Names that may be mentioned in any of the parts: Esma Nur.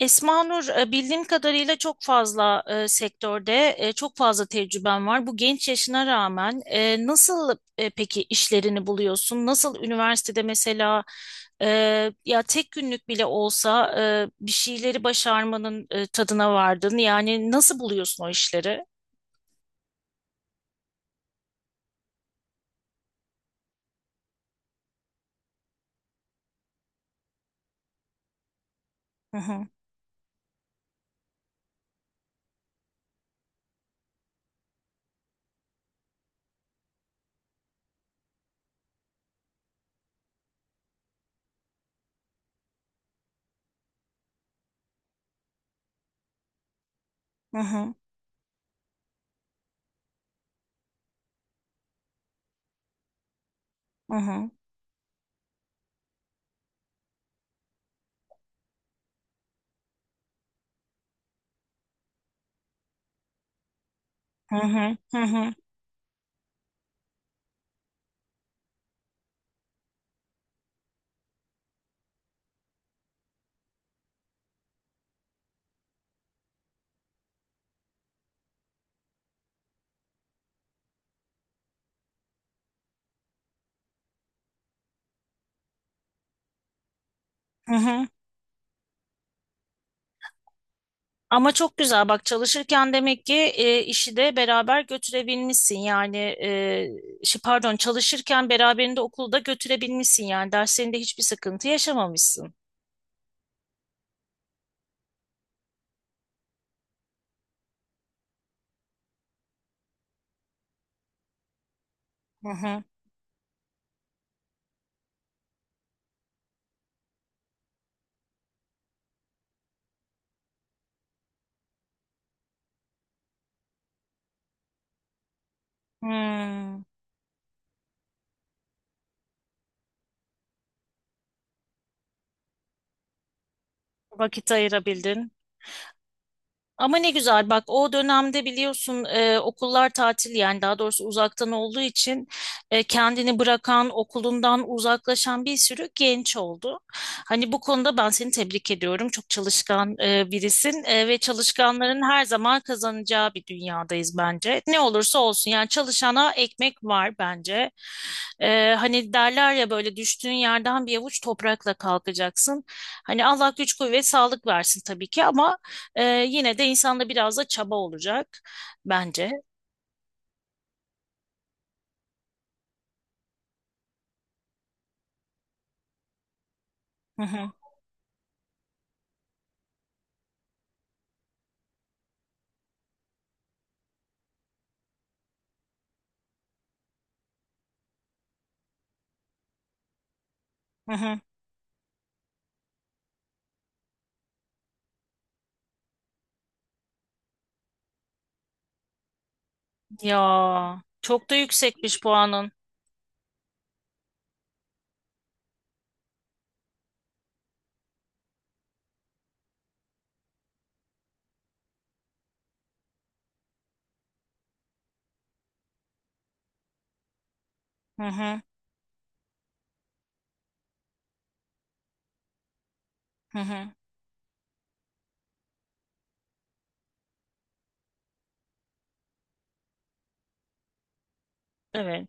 Esma Nur, bildiğim kadarıyla çok fazla sektörde çok fazla tecrüben var. Bu genç yaşına rağmen nasıl peki işlerini buluyorsun? Nasıl üniversitede mesela e, ya tek günlük bile olsa bir şeyleri başarmanın tadına vardın? Yani nasıl buluyorsun o işleri? Hı hı, hı hı, hı hı, hı hı, hı hı, hı hı. Ama çok güzel bak, çalışırken demek ki işi de beraber götürebilmişsin, yani şey, pardon, çalışırken beraberinde okulu da götürebilmişsin, yani derslerinde hiçbir sıkıntı yaşamamışsın. Hı hı. Hmm. Vakit ayırabildin. Ama ne güzel, bak o dönemde biliyorsun okullar tatil, yani daha doğrusu uzaktan olduğu için kendini bırakan, okulundan uzaklaşan bir sürü genç oldu. Hani bu konuda ben seni tebrik ediyorum. Çok çalışkan birisin ve çalışkanların her zaman kazanacağı bir dünyadayız bence. Ne olursa olsun, yani çalışana ekmek var bence. Hani derler ya, böyle düştüğün yerden bir avuç toprakla kalkacaksın. Hani Allah güç kuvvet sağlık versin tabii ki, ama ee, yine de insanda biraz da çaba olacak bence. Hı hı, hı hı. Ya çok da yüksekmiş puanın. Hı hı, hı hı. Evet.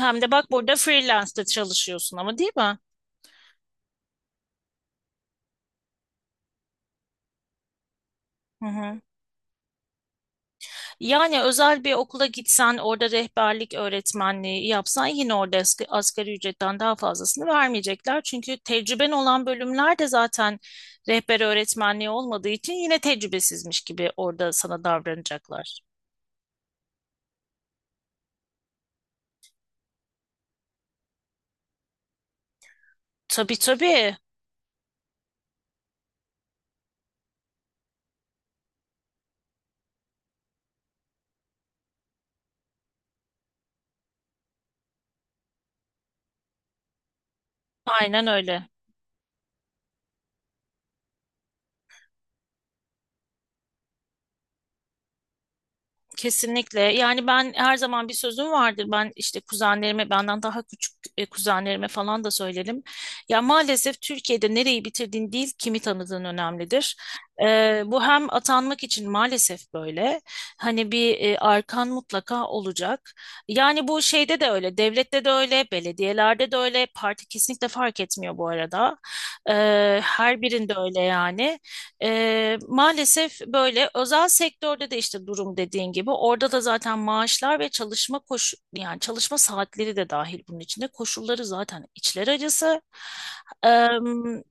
Hem de bak, burada freelance'da çalışıyorsun ama, değil mi? Hı hı. Yani özel bir okula gitsen, orada rehberlik öğretmenliği yapsan, yine orada asgari ücretten daha fazlasını vermeyecekler. Çünkü tecrüben olan bölümler de zaten rehber öğretmenliği olmadığı için yine tecrübesizmiş gibi orada sana davranacaklar. Tabii tabii. Aynen öyle. Kesinlikle. Yani ben her zaman bir sözüm vardır. Ben işte kuzenlerime, benden daha küçük kuzenlerime falan da söylerim. Ya maalesef Türkiye'de nereyi bitirdiğin değil, kimi tanıdığın önemlidir. Bu hem atanmak için maalesef böyle. Hani bir arkan mutlaka olacak. Yani bu şeyde de öyle, devlette de öyle, belediyelerde de öyle. Parti kesinlikle fark etmiyor bu arada. Her birinde öyle yani. Maalesef böyle özel sektörde de işte durum dediğin gibi, orada da zaten maaşlar ve çalışma yani çalışma saatleri de dahil bunun içinde, koşulları zaten içler acısı. Eee,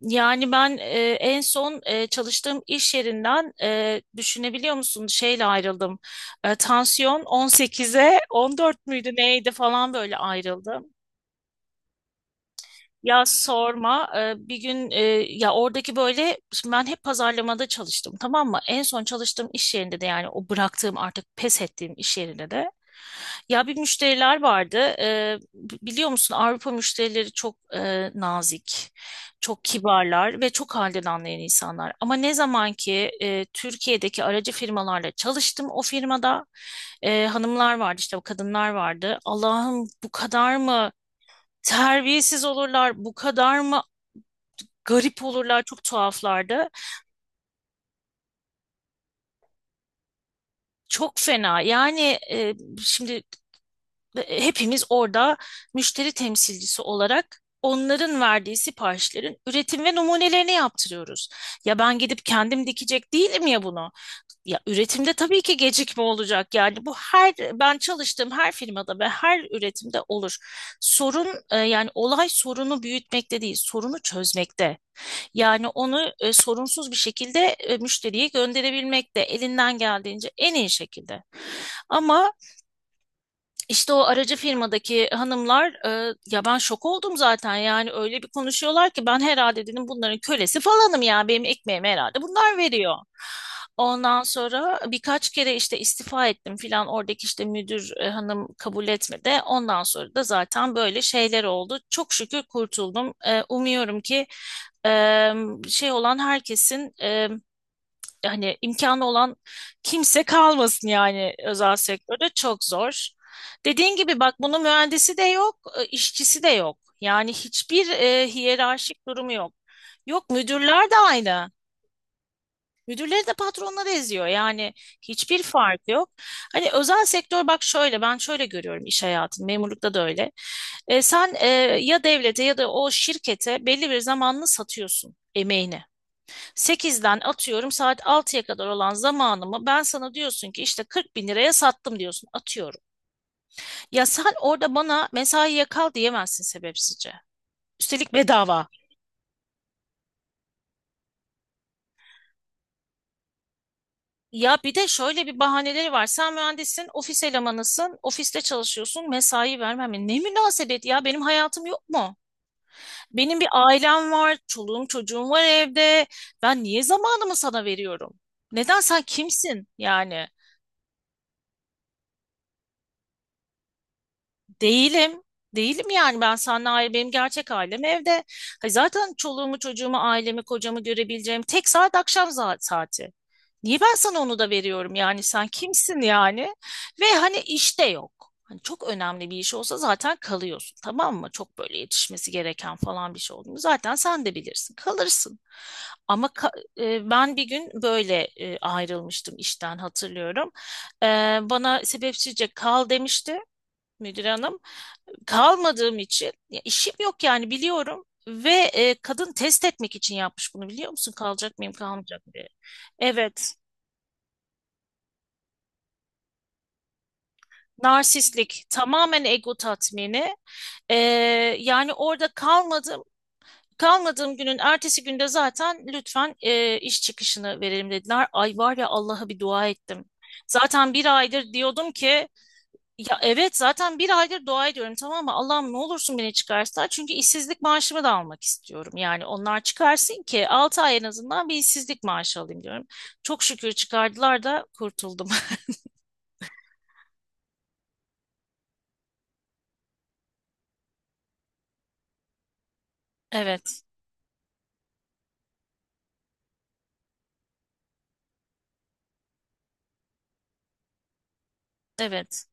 Yani ben en son çalıştığım iş yerinden, düşünebiliyor musun, şeyle ayrıldım. Tansiyon 18'e 14 müydü neydi falan, böyle ayrıldım. Ya sorma. Bir gün ya oradaki, böyle şimdi ben hep pazarlamada çalıştım, tamam mı? En son çalıştığım iş yerinde de, yani o bıraktığım, artık pes ettiğim iş yerinde de, ya bir müşteriler vardı. Biliyor musun, Avrupa müşterileri çok nazik, çok kibarlar ve çok halden anlayan insanlar. Ama ne zaman ki Türkiye'deki aracı firmalarla çalıştım, o firmada hanımlar vardı, işte o kadınlar vardı. Allah'ım, bu kadar mı terbiyesiz olurlar, bu kadar mı garip olurlar, çok tuhaflardı. Çok fena. Yani şimdi hepimiz orada müşteri temsilcisi olarak onların verdiği siparişlerin üretim ve numunelerini yaptırıyoruz. Ya ben gidip kendim dikecek değilim ya bunu. Ya üretimde tabii ki gecikme olacak. Yani bu, her ben çalıştığım her firmada ve her üretimde olur. Sorun yani olay, sorunu büyütmekte değil, sorunu çözmekte. Yani onu sorunsuz bir şekilde müşteriye gönderebilmek de elinden geldiğince en iyi şekilde. Ama işte o aracı firmadaki hanımlar ya ben şok oldum zaten, yani öyle bir konuşuyorlar ki ben herhalde dedim bunların kölesi falanım, ya benim ekmeğimi herhalde bunlar veriyor. Ondan sonra birkaç kere işte istifa ettim filan, oradaki işte müdür hanım kabul etmedi. Ondan sonra da zaten böyle şeyler oldu. Çok şükür kurtuldum. Umuyorum ki e, şey olan herkesin, hani imkanı olan kimse kalmasın, yani özel sektörde çok zor. Dediğin gibi bak, bunun mühendisi de yok, işçisi de yok. Yani hiçbir hiyerarşik durumu yok. Yok, müdürler de aynı. Müdürleri de patronları eziyor. Yani hiçbir fark yok. Hani özel sektör, bak şöyle, ben şöyle görüyorum iş hayatını. Memurlukta da öyle. Sen ya devlete ya da o şirkete belli bir zamanını satıyorsun, emeğini. 8'den atıyorum, saat 6'ya kadar olan zamanımı ben sana diyorsun ki işte 40 bin liraya sattım, diyorsun, atıyorum. Ya sen orada bana mesaiye kal diyemezsin sebepsizce. Üstelik bedava. Ya bir de şöyle bir bahaneleri var. Sen mühendissin, ofis elemanısın, ofiste çalışıyorsun, mesai vermem. Ne münasebet, ya benim hayatım yok mu? Benim bir ailem var, çoluğum çocuğum var evde. Ben niye zamanımı sana veriyorum? Neden, sen kimsin yani? Değilim. Değilim, yani ben seninle ayrı, benim gerçek ailem evde. Hayır, zaten çoluğumu çocuğumu ailemi kocamı görebileceğim tek saat akşam saati. Niye ben sana onu da veriyorum, yani sen kimsin yani? Ve hani işte yok. Hani çok önemli bir iş olsa zaten kalıyorsun, tamam mı? Çok böyle yetişmesi gereken falan bir şey oldu mu zaten, sen de bilirsin, kalırsın. Ama ben bir gün böyle ayrılmıştım işten, hatırlıyorum. E, Bana sebepsizce kal demişti müdür hanım, kalmadığım için, ya işim yok yani biliyorum, ve kadın test etmek için yapmış bunu, biliyor musun? Kalacak mıyım, kalmayacak mı diye. Evet. Narsistlik, tamamen ego tatmini. E, Yani orada kalmadım, kalmadığım günün ertesi günde zaten lütfen iş çıkışını verelim dediler. Ay, var ya, Allah'a bir dua ettim. Zaten bir aydır diyordum ki, ya evet, zaten bir aydır dua ediyorum, tamam mı? Allah'ım ne olursun beni çıkarsa. Çünkü işsizlik maaşımı da almak istiyorum. Yani onlar çıkarsın ki 6 ay en azından bir işsizlik maaşı alayım diyorum. Çok şükür çıkardılar da kurtuldum. Evet, evet.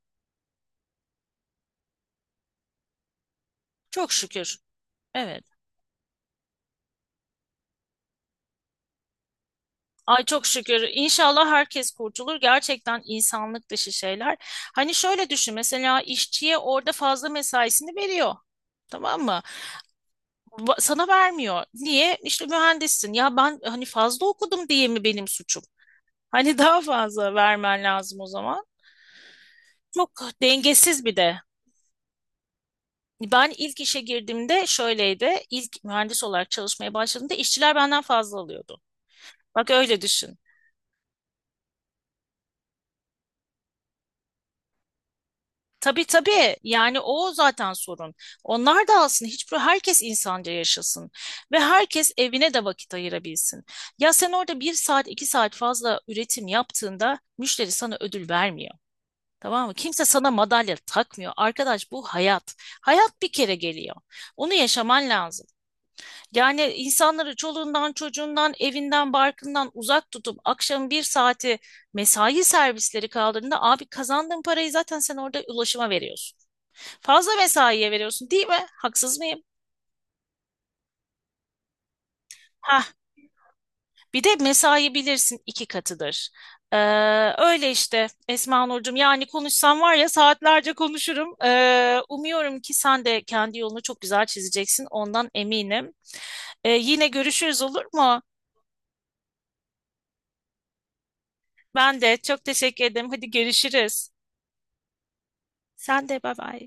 Çok şükür. Evet. Ay çok şükür. İnşallah herkes kurtulur. Gerçekten insanlık dışı şeyler. Hani şöyle düşün, mesela işçiye orada fazla mesaisini veriyor. Tamam mı? Sana vermiyor. Niye? İşte mühendissin. Ya ben hani fazla okudum diye mi benim suçum? Hani daha fazla vermen lazım o zaman. Çok dengesiz bir de. Ben ilk işe girdiğimde şöyleydi. İlk mühendis olarak çalışmaya başladığımda işçiler benden fazla alıyordu. Bak öyle düşün. Tabii tabii, yani o zaten sorun. Onlar da alsın. Hiçbir, herkes insanca yaşasın ve herkes evine de vakit ayırabilsin. Ya sen orada bir saat iki saat fazla üretim yaptığında müşteri sana ödül vermiyor. Tamam mı? Kimse sana madalya takmıyor. Arkadaş, bu hayat. Hayat bir kere geliyor. Onu yaşaman lazım. Yani insanları çoluğundan, çocuğundan, evinden, barkından uzak tutup akşam bir saati mesai servisleri kaldığında, abi kazandığın parayı zaten sen orada ulaşıma veriyorsun. Fazla mesaiye veriyorsun, değil mi? Haksız mıyım? Ha? Bir de mesai bilirsin iki katıdır. Ee, Öyle işte Esma Nurcuğum. Yani konuşsam var ya, saatlerce konuşurum. Umuyorum ki sen de kendi yolunu çok güzel çizeceksin. Ondan eminim. Yine görüşürüz, olur mu? Ben de çok teşekkür ederim. Hadi görüşürüz. Sen de bay bay.